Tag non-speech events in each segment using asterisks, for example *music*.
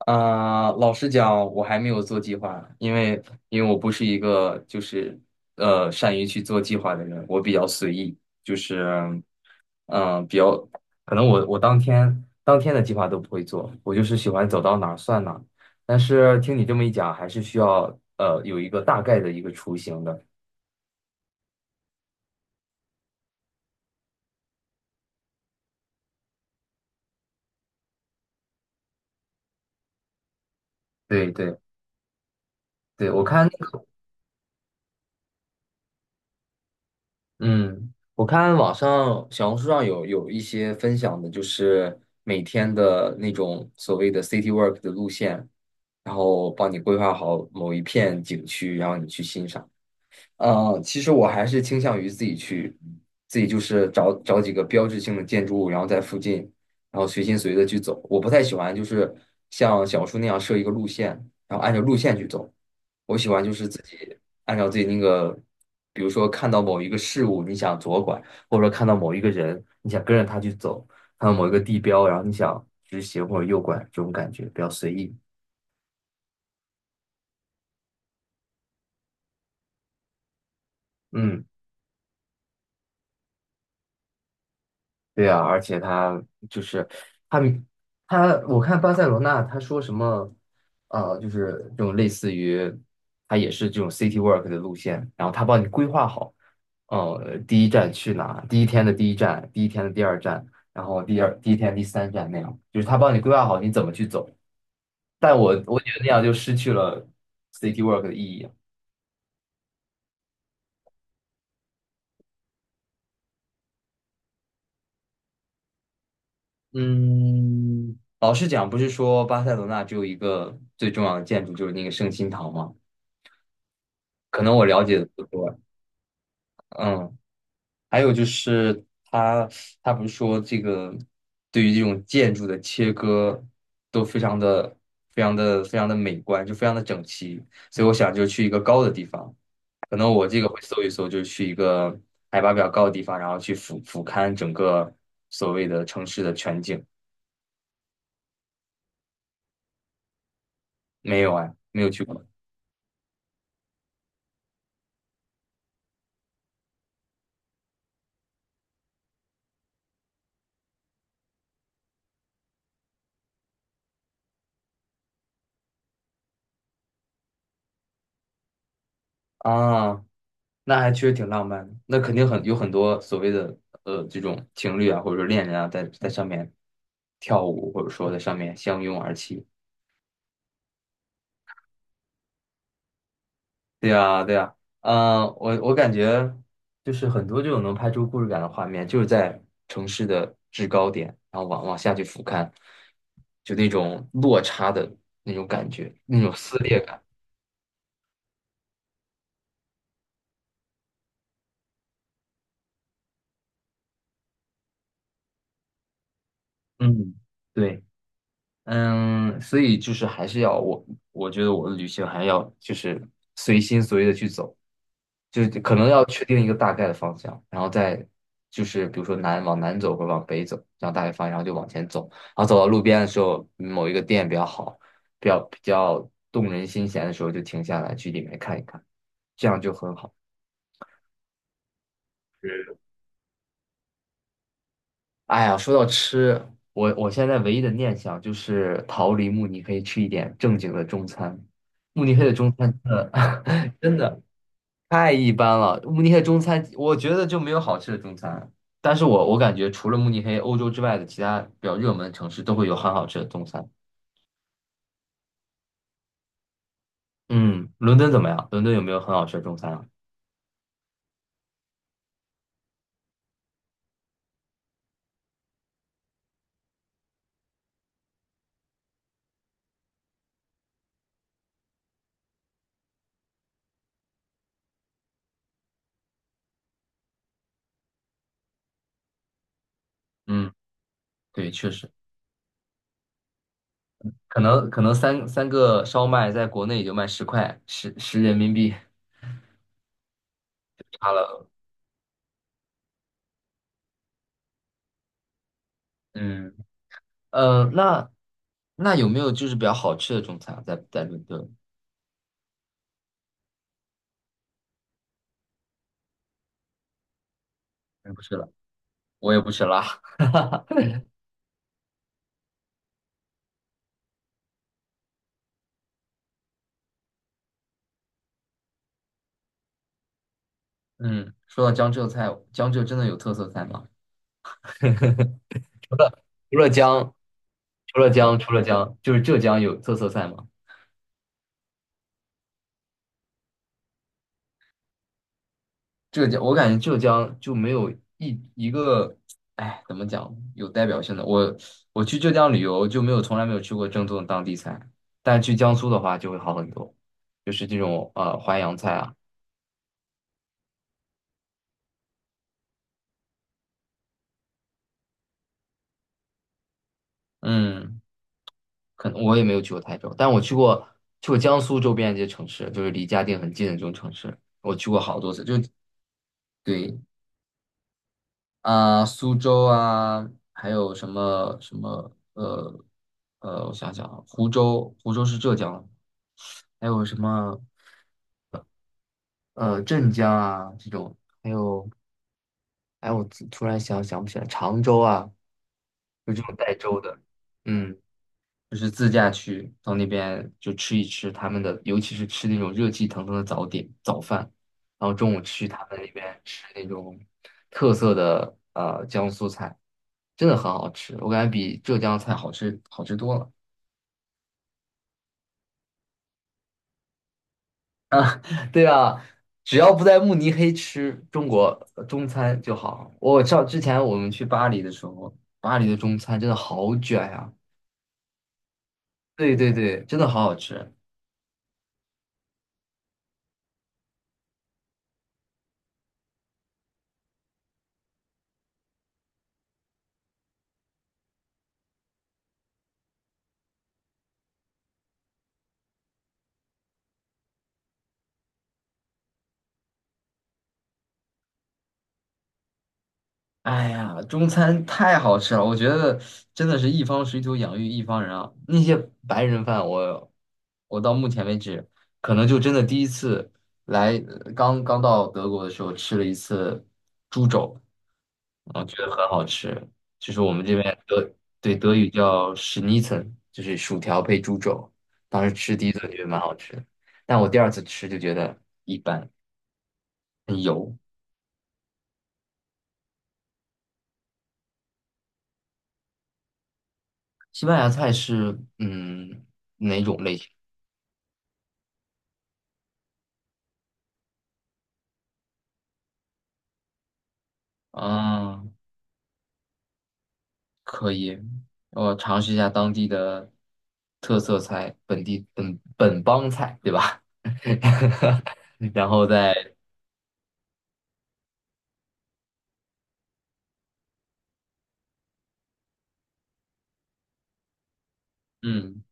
啊、老实讲，我还没有做计划，因为我不是一个就是善于去做计划的人，我比较随意，就是嗯、比较可能我当天的计划都不会做，我就是喜欢走到哪儿算哪儿。但是听你这么一讲，还是需要有一个大概的一个雏形的。对对对，我看那个。嗯，我看网上小红书上有一些分享的，就是每天的那种所谓的 city work 的路线，然后帮你规划好某一片景区，然后你去欣赏。嗯，其实我还是倾向于自己去，自己就是找找几个标志性的建筑物，然后在附近，然后随心随的去走。我不太喜欢就是像小树那样设一个路线，然后按照路线去走。我喜欢就是自己按照自己那个，比如说看到某一个事物，你想左拐，或者说看到某一个人，你想跟着他去走，看到某一个地标，然后你想直行或者右拐，这种感觉比较随意。嗯。对啊，而且他就是他他，我看巴塞罗那他说什么，就是这种类似于他也是这种 city work 的路线，然后他帮你规划好，第一站去哪，第一天的第一站，第一天的第二站，然后第一天第三站那样，就是他帮你规划好你怎么去走。但我觉得那样就失去了 city work 的意义。嗯，老实讲，不是说巴塞罗那只有一个最重要的建筑，就是那个圣心堂吗？可能我了解的不多。嗯，还有就是他他不是说这个对于这种建筑的切割都非常的非常的非常的美观，就非常的整齐，所以我想就去一个高的地方，可能我这个会搜一搜，就去一个海拔比较高的地方，然后去俯瞰整个所谓的城市的全景。没有哎，没有去过。啊，那还确实挺浪漫的，那肯定很有很多所谓的这种情侣啊，或者说恋人啊，在在上面跳舞，或者说在上面相拥而泣。对呀，对呀。我感觉就是很多这种能拍出故事感的画面，就是在城市的制高点，然后往下去俯瞰，就那种落差的那种感觉，那种撕裂感。嗯，对。嗯，所以就是还是要我，我觉得我的旅行还要就是随心所欲的去走，就是可能要确定一个大概的方向，然后再就是比如说往南走或者往北走，这样大概方向，然后就往前走，然后走到路边的时候，某一个店比较好，比较比较动人心弦的时候就停下来去里面看一看，这样就很好。哎呀，说到吃，我现在唯一的念想就是逃离慕尼黑，吃一点正经的中餐。慕尼黑的中餐真的 *laughs* 真的太一般了，慕尼黑中餐我觉得就没有好吃的中餐。但是我感觉除了慕尼黑，欧洲之外的其他比较热门的城市都会有很好吃的中餐。嗯，伦敦怎么样？伦敦有没有很好吃的中餐啊？嗯，对，确实，可能三个烧麦在国内也就卖10块，十人民币，差了。嗯。呃，那那有没有就是比较好吃的中餐啊在在伦敦？我也不吃了，我也不吃辣。*laughs* 嗯，说到江浙菜，江浙真的有特色菜吗？除了江，除了江，就是浙江有特色菜吗？浙江，我感觉浙江就没有一个，哎，怎么讲，有代表性的。我去浙江旅游就没有从来没有吃过正宗的当地菜，但去江苏的话就会好很多，就是这种淮扬菜啊。嗯。可能我也没有去过台州，但我去过江苏周边的一些城市，就是离嘉定很近的这种城市，我去过好多次。就对啊、苏州啊，还有什么什么我想想啊，湖州，湖州是浙江，还有什么镇江啊这种，还有哎，我突然想不起来，常州啊，就这种带州的。嗯。就是自驾去到那边就吃一吃他们的，尤其是吃那种热气腾腾的早饭，然后中午去他们那边吃那种特色的江苏菜，真的很好吃，我感觉比浙江菜好吃多了。*laughs* 对啊，只要不在慕尼黑吃中国中餐就好。之前我们去巴黎的时候，巴黎的中餐真的好卷呀、对对对，真的好好吃。哎呀，中餐太好吃了，我觉得真的是一方水土养育一方人啊。那些白人饭我到目前为止，可能就真的第一次来，刚刚到德国的时候吃了一次猪肘，我觉得很好吃，就是我们这边德，对，德语叫 Schnitzel，就是薯条配猪肘。当时吃第一顿觉得蛮好吃，但我第二次吃就觉得一般。西班牙菜是嗯哪种类型？啊？可以，我尝试一下当地的特色菜，本地本本帮菜，对吧？*laughs* 然后再，嗯，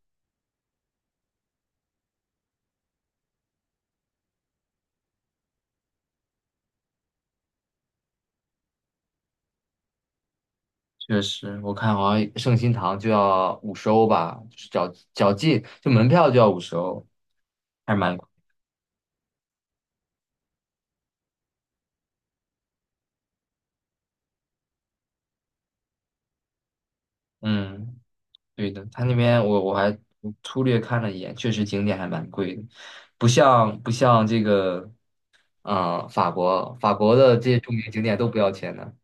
确实，我看好像圣心堂就要五十欧吧，就是脚进就门票就要五十欧，还是蛮。嗯，对的。他那边我还粗略看了一眼，确实景点还蛮贵的，不像这个。法国的这些著名景点都不要钱的。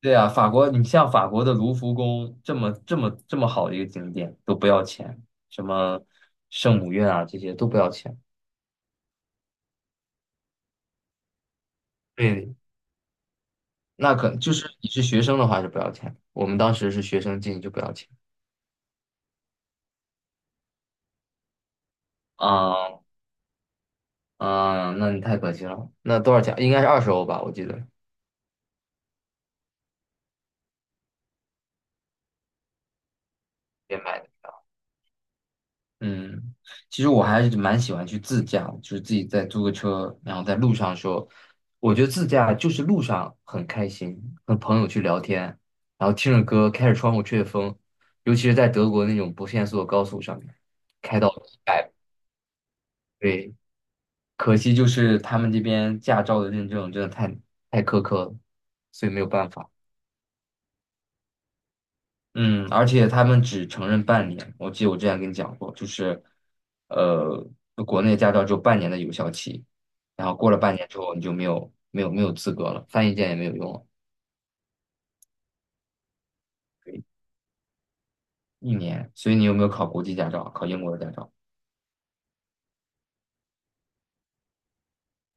对啊，法国，你像法国的卢浮宫这么这么这么好的一个景点都不要钱，什么圣母院啊这些都不要钱。对，那可就是你是学生的话是不要钱，我们当时是学生进就不要钱。啊啊，那你太可惜了。那多少钱？应该是20欧吧，我记得也买。的。嗯，其实我还是蛮喜欢去自驾的就是自己再租个车，然后在路上说，我觉得自驾就是路上很开心，和朋友去聊天，然后听着歌，开着窗户吹着风，尤其是在德国那种不限速的高速上面，开到100，对，可惜就是他们这边驾照的认证真的太苛刻了，所以没有办法。嗯，而且他们只承认半年。我记得我之前跟你讲过，就是，呃，国内驾照只有半年的有效期，然后过了半年之后你就没有资格了，翻译件也没有用了，对一年。所以你有没有考国际驾照？考英国的驾照？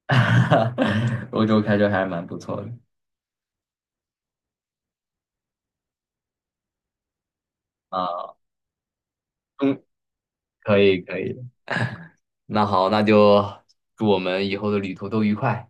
*laughs* 欧洲开车还是蛮不错的。啊。嗯，可以可以。那好，那就祝我们以后的旅途都愉快。